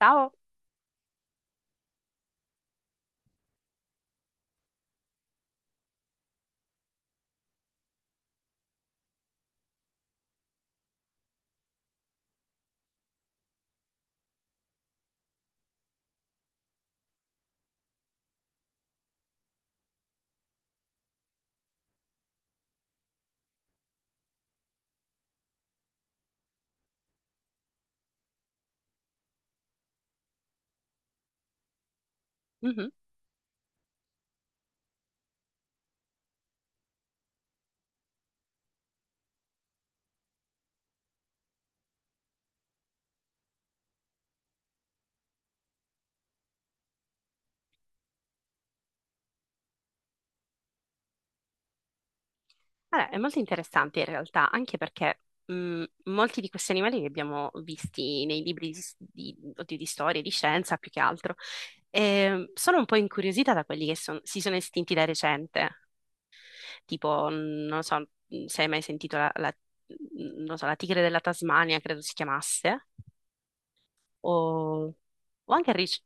Ciao. Mhm. Allora, è molto interessante in realtà, anche perché molti di questi animali li abbiamo visti nei libri di, oddio, di storia, di scienza più che altro. E sono un po' incuriosita da quelli che si sono estinti da recente, tipo, non so, se hai mai sentito non so, la tigre della Tasmania, credo si chiamasse, o, o anche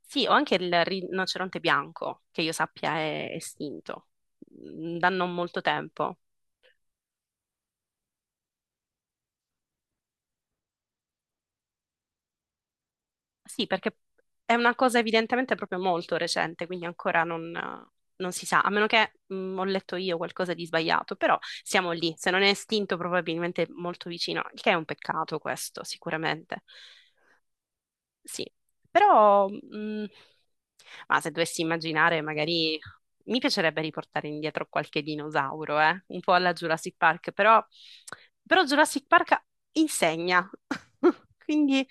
sì, o anche il rinoceronte bianco, che io sappia è estinto da non molto tempo. Sì, perché è una cosa evidentemente proprio molto recente, quindi ancora non, non si sa, a meno che ho letto io qualcosa di sbagliato, però siamo lì, se non è estinto probabilmente molto vicino, il che è un peccato questo, sicuramente. Sì, però ma se dovessi immaginare, magari mi piacerebbe riportare indietro qualche dinosauro, eh? Un po' alla Jurassic Park, però, però Jurassic Park insegna, quindi,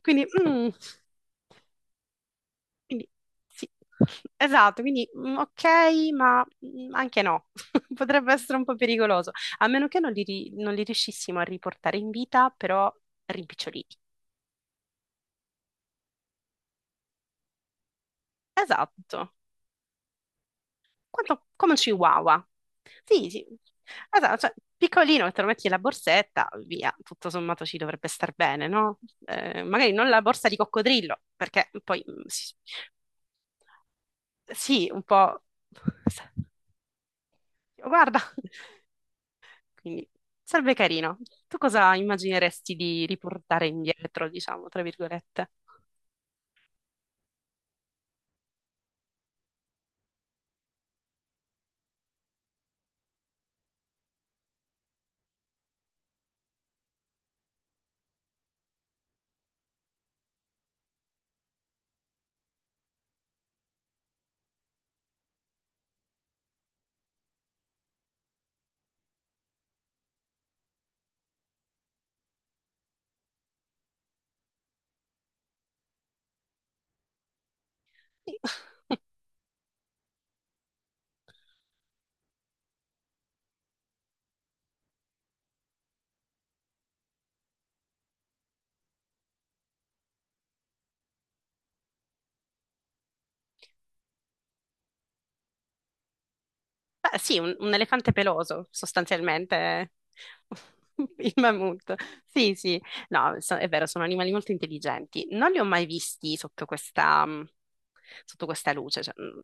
quindi mm. Quindi sì, esatto, ok, ma anche no, potrebbe essere un po' pericoloso, a meno che non li riuscissimo a riportare in vita, però rimpiccioliti. Esatto, come un chihuahua. Sì, sì, esatto, cioè, piccolino, te lo metti nella borsetta, via, tutto sommato ci dovrebbe star bene, no? Magari non la borsa di coccodrillo, perché sì, sì, un po'... Guarda. Quindi sarebbe carino. Tu cosa immagineresti di riportare indietro, diciamo, tra virgolette? Beh, sì, un elefante peloso, sostanzialmente. Il mammut. Sì, sì. No, è vero, sono animali molto intelligenti. Non li ho mai visti sotto questa, sotto questa luce. Cioè,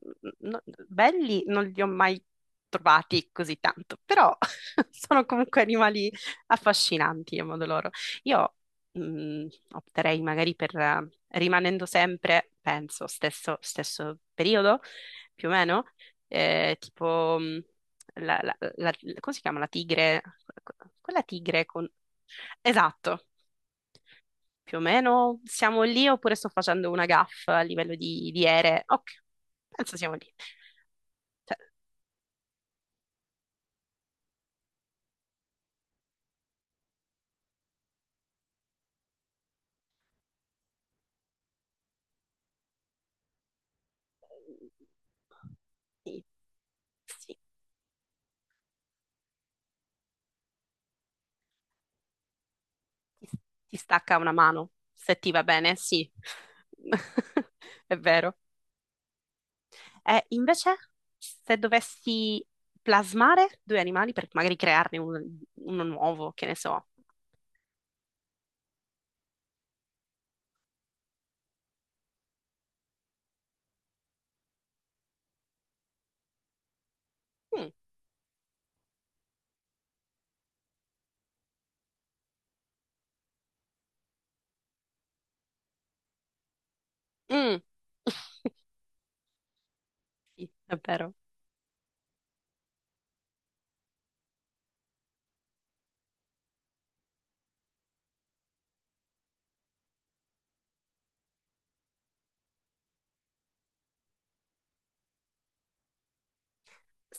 mm, no- belli non li ho mai trovati così tanto, però sono comunque animali affascinanti a modo loro. Io opterei magari per, rimanendo sempre, penso, stesso stesso periodo, più o meno tipo la, la- la- come si chiama? La tigre, quella tigre con... Esatto, più o meno siamo lì oppure sto facendo una gaffa a livello di ere? Ok, penso siamo lì. Cioè, sì, sì, ti, ti stacca una mano, se ti va bene, sì, è vero. Invece, se dovessi plasmare due animali per magari crearne uno, uno nuovo, che ne so. Mm, mm, è vero.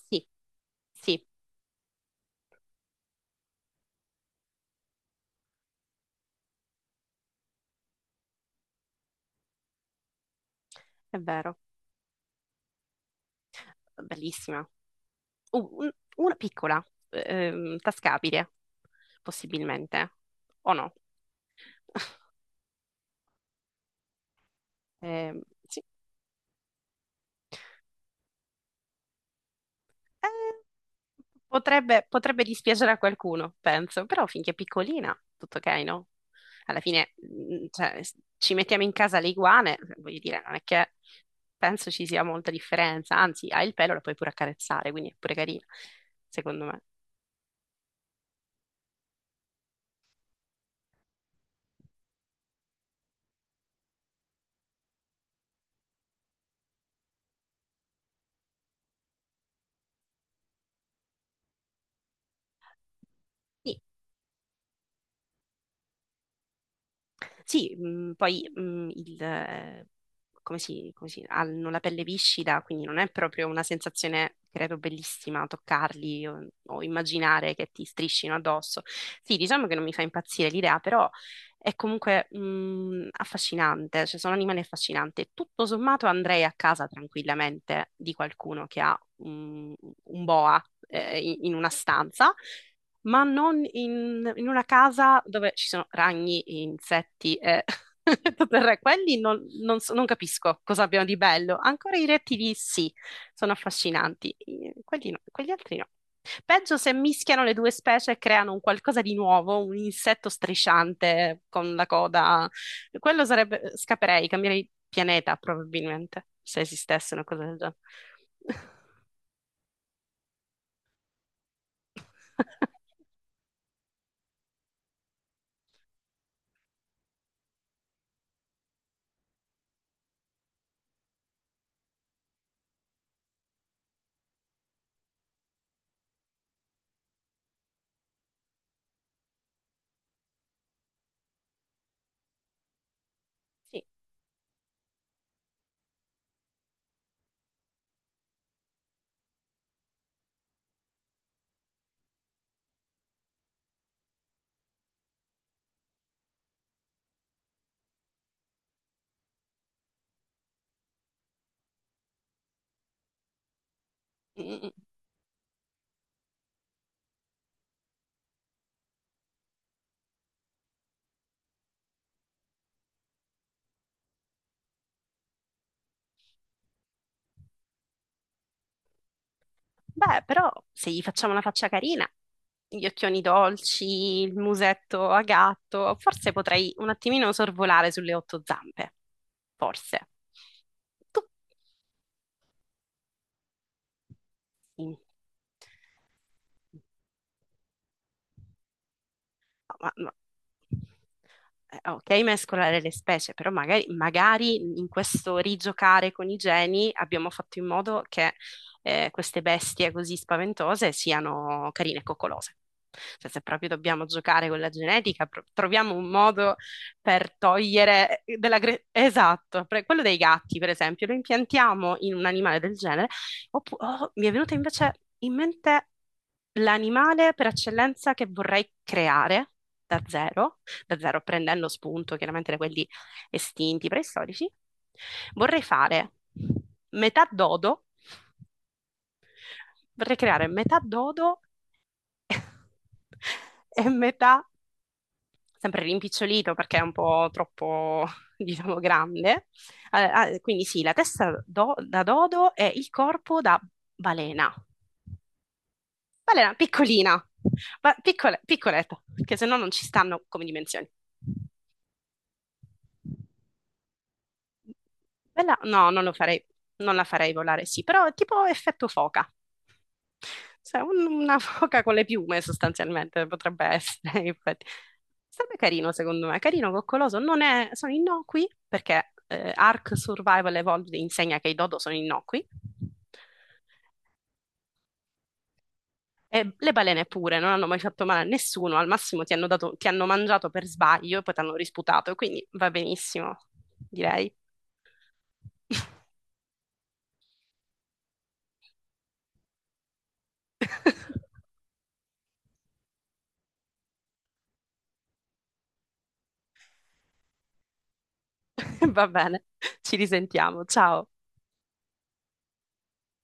Sì, sì, è vero. Bellissima. Uh, un- una piccola, tascabile, possibilmente. O no? Ehm, sì. Eh, potrebbe, potrebbe dispiacere a qualcuno, penso, però finché è piccolina, tutto ok, no? Alla fine, cioè, ci mettiamo in casa le iguane, voglio dire, non è che penso ci sia molta differenza, anzi, hai il pelo, la puoi pure accarezzare, quindi è pure carina, secondo me. Sì, sì, poi hanno la pelle viscida, quindi non è proprio una sensazione, credo, bellissima toccarli o immaginare che ti striscino addosso. Sì, diciamo che non mi fa impazzire l'idea, però è comunque affascinante, cioè sono animali affascinanti. Tutto sommato andrei a casa tranquillamente di qualcuno che ha un boa in una stanza ma non in, in una casa dove ci sono ragni, insetti e tutto il re. Quelli non capisco cosa abbiano di bello. Ancora i rettili sì, sono affascinanti. Quelli no, quegli altri no. Peggio se mischiano le due specie e creano un qualcosa di nuovo, un insetto strisciante con la coda. Quello sarebbe... Scapperei, cambierei pianeta probabilmente, se esistesse una cosa del genere. Sì. Mm, mm, mm. Beh, però se gli facciamo una faccia carina, gli occhioni dolci, il musetto a gatto, forse potrei un attimino sorvolare sulle otto zampe. Forse. Tu... Mm. ma- ma- ok, mescolare le specie, però magari, magari in questo rigiocare con i geni abbiamo fatto in modo che queste bestie così spaventose siano carine e coccolose. Cioè, se proprio dobbiamo giocare con la genetica, troviamo un modo per togliere esatto, quello dei gatti, per esempio, lo impiantiamo in un animale del genere. Oh, mi è venuta invece in mente l'animale per eccellenza che vorrei creare da zero, da zero prendendo spunto chiaramente da quelli estinti, preistorici. Vorrei fare metà dodo, vorrei creare metà dodo e metà, sempre rimpicciolito perché è un po' troppo, diciamo, grande. Quindi sì, la testa da dodo e il corpo da balena. Balena piccolina, piccoletta, perché se no non ci stanno come dimensioni. Bella, no, non lo farei, non la farei volare, sì, però tipo effetto foca. Cioè, una foca con le piume sostanzialmente potrebbe essere, infatti. Sarebbe carino, secondo me, carino, coccoloso. Non è... Sono innocui perché Ark Survival Evolved insegna che i dodo sono innocui. E le balene pure non hanno mai fatto male a nessuno, al massimo ti hanno mangiato per sbaglio e poi ti hanno risputato, quindi va benissimo, direi. Va bene, ci risentiamo, ciao.